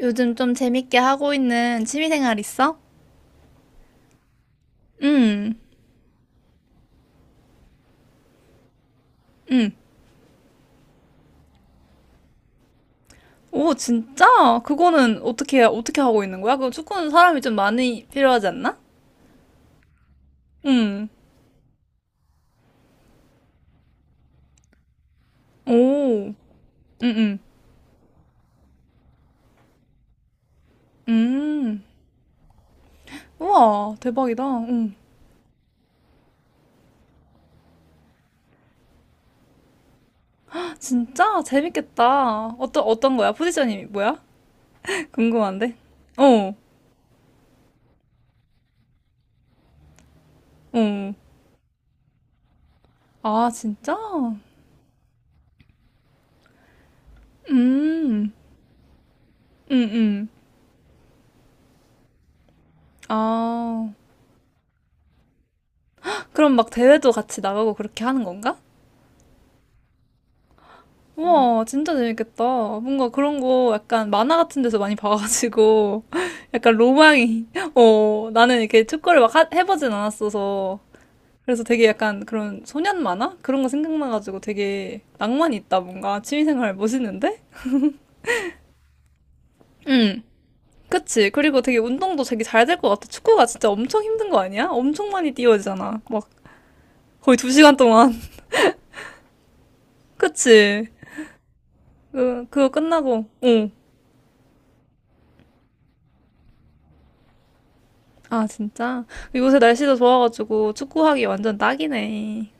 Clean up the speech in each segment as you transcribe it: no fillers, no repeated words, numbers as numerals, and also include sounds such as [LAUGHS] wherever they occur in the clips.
요즘 좀 재밌게 하고 있는 취미생활 있어? 응. 오, 진짜? 그거는 어떻게 하고 있는 거야? 그 축구는 사람이 좀 많이 필요하지 않나? 응. 오, 응, 응. 음. 우와, 대박이다. 응. 진짜? 재밌겠다. 어떤 거야? 포지션이 뭐야? [LAUGHS] 궁금한데? 어, 어. 아, 진짜? 음, 음, 음. 아, 그럼 막 대회도 같이 나가고 그렇게 하는 건가? 우와, 진짜 재밌겠다. 뭔가 그런 거 약간 만화 같은 데서 많이 봐가지고, [LAUGHS] 약간 로망이, [LAUGHS] 어, 나는 이렇게 축구를 막 해보진 않았어서. 그래서 되게 약간 그런 소년 만화? 그런 거 생각나가지고 되게 낭만이 있다, 뭔가. 취미생활 멋있는데? 응. 그치. 그리고 되게 운동도 되게 잘 될 것 같아. 축구가 진짜 엄청 힘든 거 아니야? 엄청 많이 뛰어야 되잖아. 막 거의 두 시간 동안. [LAUGHS] 그치. 그거 끝나고, 응. 아, 진짜? 요새 날씨도 좋아가지고 축구하기 완전 딱이네.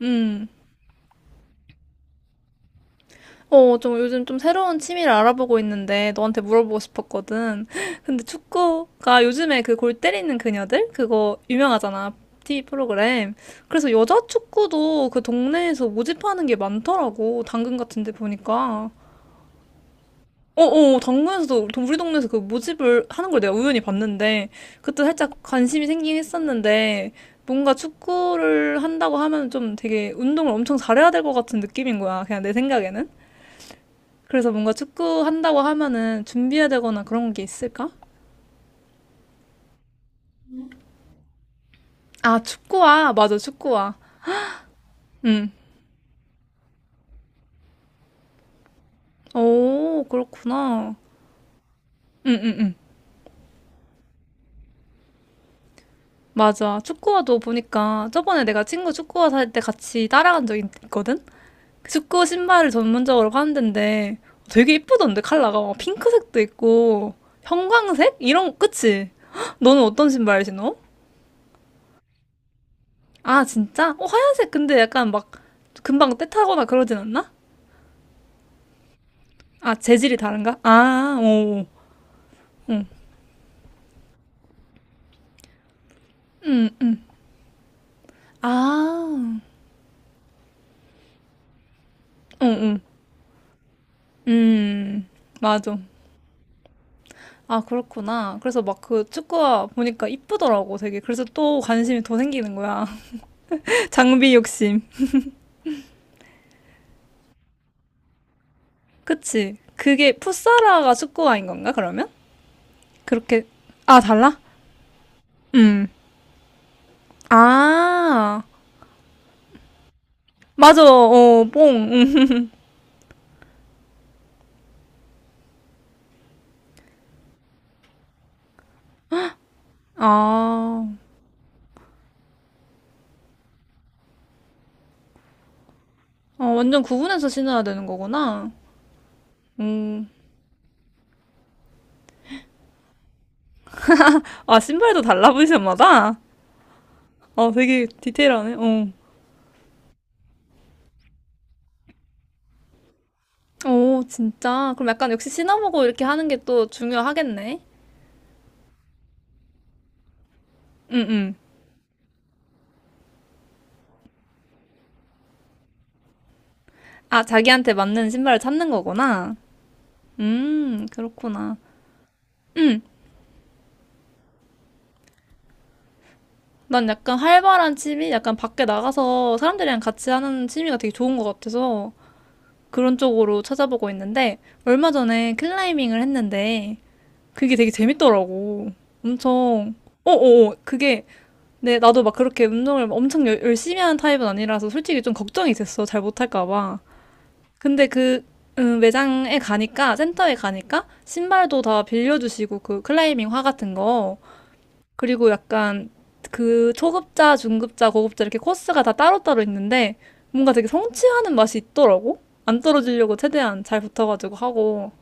음. 어, 좀 요즘 좀 새로운 취미를 알아보고 있는데 너한테 물어보고 싶었거든. [LAUGHS] 근데 축구가 요즘에 그 골 때리는 그녀들? 그거 유명하잖아. TV 프로그램. 그래서 여자 축구도 그 동네에서 모집하는 게 많더라고. 당근 같은 데 보니까. 어어 당근에서도 우리 동네에서 그 모집을 하는 걸 내가 우연히 봤는데 그때 살짝 관심이 생기긴 했었는데 뭔가 축구를 한다고 하면 좀 되게 운동을 엄청 잘해야 될 것 같은 느낌인 거야 그냥 내 생각에는 그래서 뭔가 축구 한다고 하면은 준비해야 되거나 그런 게 있을까? 아 축구화 맞아 축구화 응오 그렇구나 응응응 맞아 축구화도 보니까 저번에 내가 친구 축구화 살 때 같이 따라간 적 있거든 축구 신발을 전문적으로 파는 데인데 되게 이쁘던데 컬러가 막 핑크색도 있고 형광색 이런 그치? [GASPS] 헉, 너는 어떤 신발 신어? 아 진짜? 어 하얀색 근데 약간 막 금방 때 타거나 그러진 않나? 아 재질이 다른가? 아, 오, 응, 음, 아, 응, 응, 음, 맞아. 아 그렇구나. 그래서 막 그 축구화 보니까 이쁘더라고 되게. 그래서 또 관심이 더 생기는 거야. [LAUGHS] 장비 욕심. 그치. 그게 풋사라가 축구화인 건가, 그러면? 그렇게. 아, 달라? 음. 아, 맞아. 어, 뽕. 음. 아, 어, 완전 구분해서 신어야 되는 거구나. 아, 신발도 달라, 포지션마다? 아, 되게 디테일하네. 어. 오, 진짜. 그럼 약간 역시 신어보고 이렇게 하는 게 또 중요하겠네. 응, 응. 아, 자기한테 맞는 신발을 찾는 거구나. 그렇구나. 난 약간 활발한 취미? 약간 밖에 나가서 사람들이랑 같이 하는 취미가 되게 좋은 것 같아서 그런 쪽으로 찾아보고 있는데 얼마 전에 클라이밍을 했는데 그게 되게 재밌더라고. 엄청, 어어어, 그게, 네, 나도 막 그렇게 운동을 엄청 열심히 하는 타입은 아니라서 솔직히 좀 걱정이 됐어. 잘 못할까 봐. 근데 그, 매장에 가니까, 센터에 가니까 신발도 다 빌려주시고 그 클라이밍 화 같은 거. 그리고 약간 그 초급자, 중급자, 고급자 이렇게 코스가 다 따로따로 있는데 뭔가 되게 성취하는 맛이 있더라고. 안 떨어지려고 최대한 잘 붙어가지고 하고.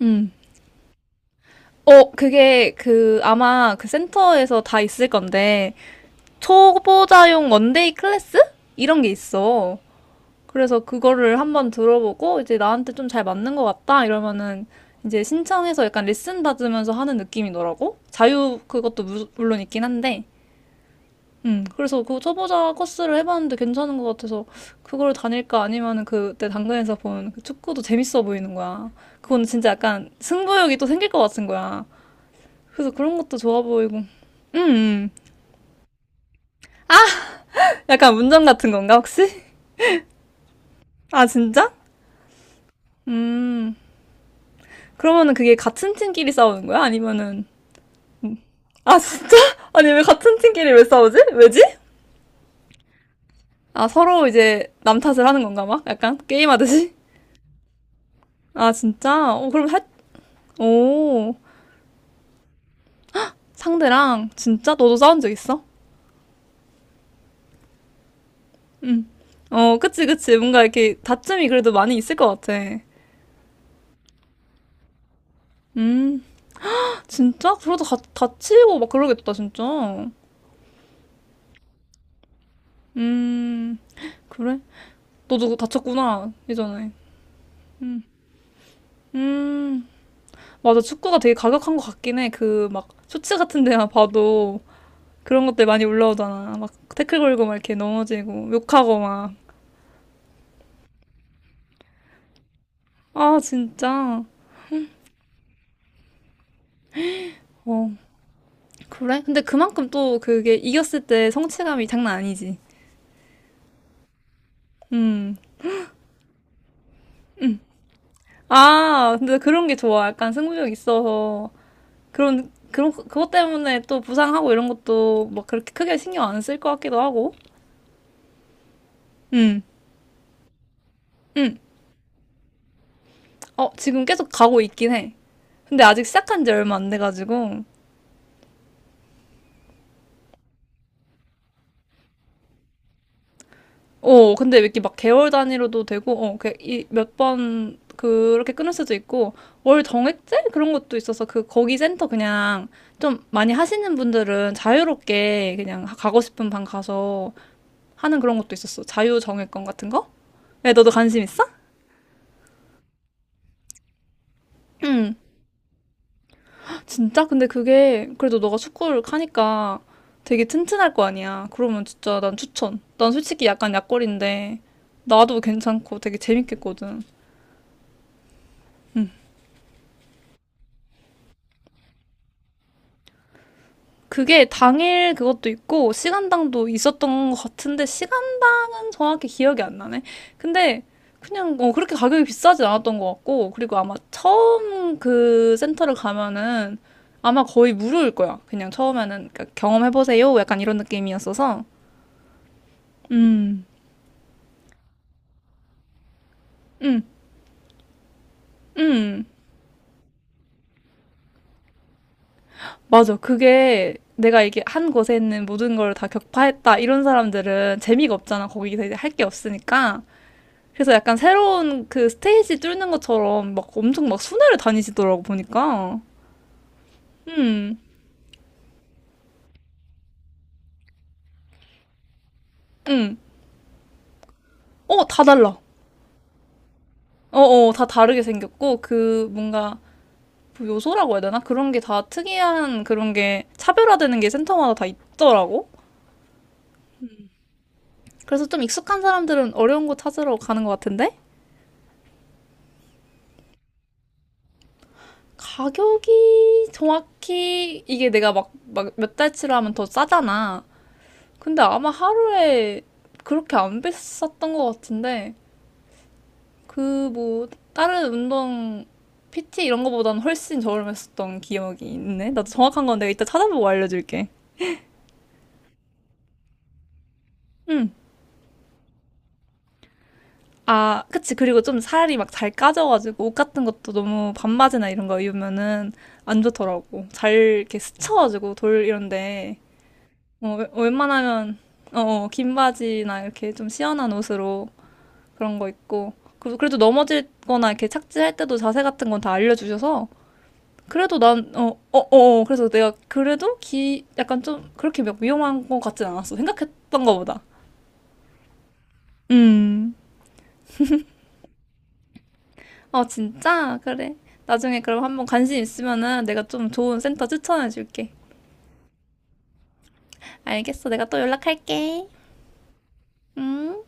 음. 어, 그게 그 아마 그 센터에서 다 있을 건데 초보자용 원데이 클래스? 이런 게 있어. 그래서 그거를 한번 들어보고 이제 나한테 좀 잘 맞는 것 같다 이러면은 이제 신청해서 약간 레슨 받으면서 하는 느낌이더라고. 자유 그것도 물론 있긴 한데. 그래서 그 초보자 코스를 해봤는데 괜찮은 것 같아서 그걸 다닐까 아니면은 그때 당근에서 본그 축구도 재밌어 보이는 거야. 그건 진짜 약간 승부욕이 또 생길 것 같은 거야. 그래서 그런 것도 좋아 보이고. 약간 운전 같은 건가 혹시? [LAUGHS] 아, 진짜? 음. 그러면은 그게 같은 팀끼리 싸우는 거야? 아니면은 아, 진짜? [LAUGHS] 아니 왜 같은 팀끼리 왜 싸우지? 왜지? 아, 서로 이제 남 탓을 하는 건가 막? 약간 게임하듯이? 아, 진짜? 어, 그럼 할 오. 상대랑 진짜 너도 싸운 적 있어? 응. 어, 그치, 그치. 뭔가 이렇게 다툼이 그래도 많이 있을 것 같아. 음, 진짜? 그러다 가, 다치고 막 그러겠다, 진짜. 음, 그래? 너도 다쳤구나, 예전에. 음, 맞아. 축구가 되게 가격한 것 같긴 해. 그, 막, 쇼츠 같은 데만 봐도 그런 것들 많이 올라오잖아. 막, 태클 걸고 막 이렇게 넘어지고, 욕하고 막. 아, 진짜. 어, 그래? 근데 그만큼 또 그게 이겼을 때 성취감이 장난 아니지. 음. 아, 근데 그런 게 좋아. 약간 승부욕 있어서. 그것 때문에 또 부상하고 이런 것도 막 그렇게 크게 신경 안 쓸 것 같기도 하고. 음, 음. 어, 지금 계속 가고 있긴 해. 근데 아직 시작한 지 얼마 안 돼가지고. 어, 근데 이렇게 막 개월 단위로도 되고, 어, 몇 번 그렇게 끊을 수도 있고, 월 정액제? 그런 것도 있어서 그, 거기 센터 그냥 좀 많이 하시는 분들은 자유롭게 그냥 가고 싶은 방 가서 하는 그런 것도 있었어. 자유정예권 같은 거? 야, 너도 관심 있어? 응. 진짜? 근데 그게 그래도 너가 축구를 하니까 되게 튼튼할 거 아니야. 그러면 진짜 난 추천. 난 솔직히 약간 약골인데 나도 괜찮고 되게 재밌겠거든. 그게 당일 그것도 있고 시간당도 있었던 것 같은데 시간당은 정확히 기억이 안 나네. 근데 그냥 어, 그렇게 가격이 비싸진 않았던 것 같고 그리고 아마 처음 그 센터를 가면은 아마 거의 무료일 거야. 그냥 처음에는 그러니까 경험해보세요. 약간 이런 느낌이었어서 음, 음, 음. 맞아. 그게 내가 이게 한 곳에 있는 모든 걸 다 격파했다 이런 사람들은 재미가 없잖아. 거기서 이제 할 게 없으니까. 그래서 약간 새로운 그 스테이지 뚫는 것처럼 막 엄청 막 순회를 다니시더라고 보니까. 음, 음. 어, 다 달라. 어, 어, 다 다르게 생겼고 그 뭔가 뭐 요소라고 해야 되나? 그런 게 다 특이한 그런 게 차별화되는 게 센터마다 다 있더라고. 그래서 좀 익숙한 사람들은 어려운 거 찾으러 가는 것 같은데 가격이 정확히 이게 내가 막 몇 달치로 하면 더 싸잖아. 근데 아마 하루에 그렇게 안 비쌌던 것 같은데 그 뭐 다른 운동 PT 이런 거보다는 훨씬 저렴했었던 기억이 있네. 나도 정확한 건 내가 이따 찾아보고 알려줄게. 응. 아, 그치. 그리고 좀 살이 막 잘 까져가지고 옷 같은 것도 너무 반바지나 이런 거 입으면은 안 좋더라고. 잘 이렇게 스쳐가지고 돌 이런데 어, 웬만하면 어, 어, 긴 바지나 이렇게 좀 시원한 옷으로 그런 거 입고 그래도 넘어질거나 이렇게 착지할 때도 자세 같은 건 다 알려주셔서 그래도 난, 어, 어, 어, 어. 그래서 내가 그래도 기, 약간 좀 그렇게 막 위험한 것 같진 않았어. 생각했던 것보다. 음. 어, 진짜? 그래. 나중에 그럼 한번 관심 있으면은 내가 좀 좋은 센터 추천해 줄게. 알겠어. 내가 또 연락할게. 음.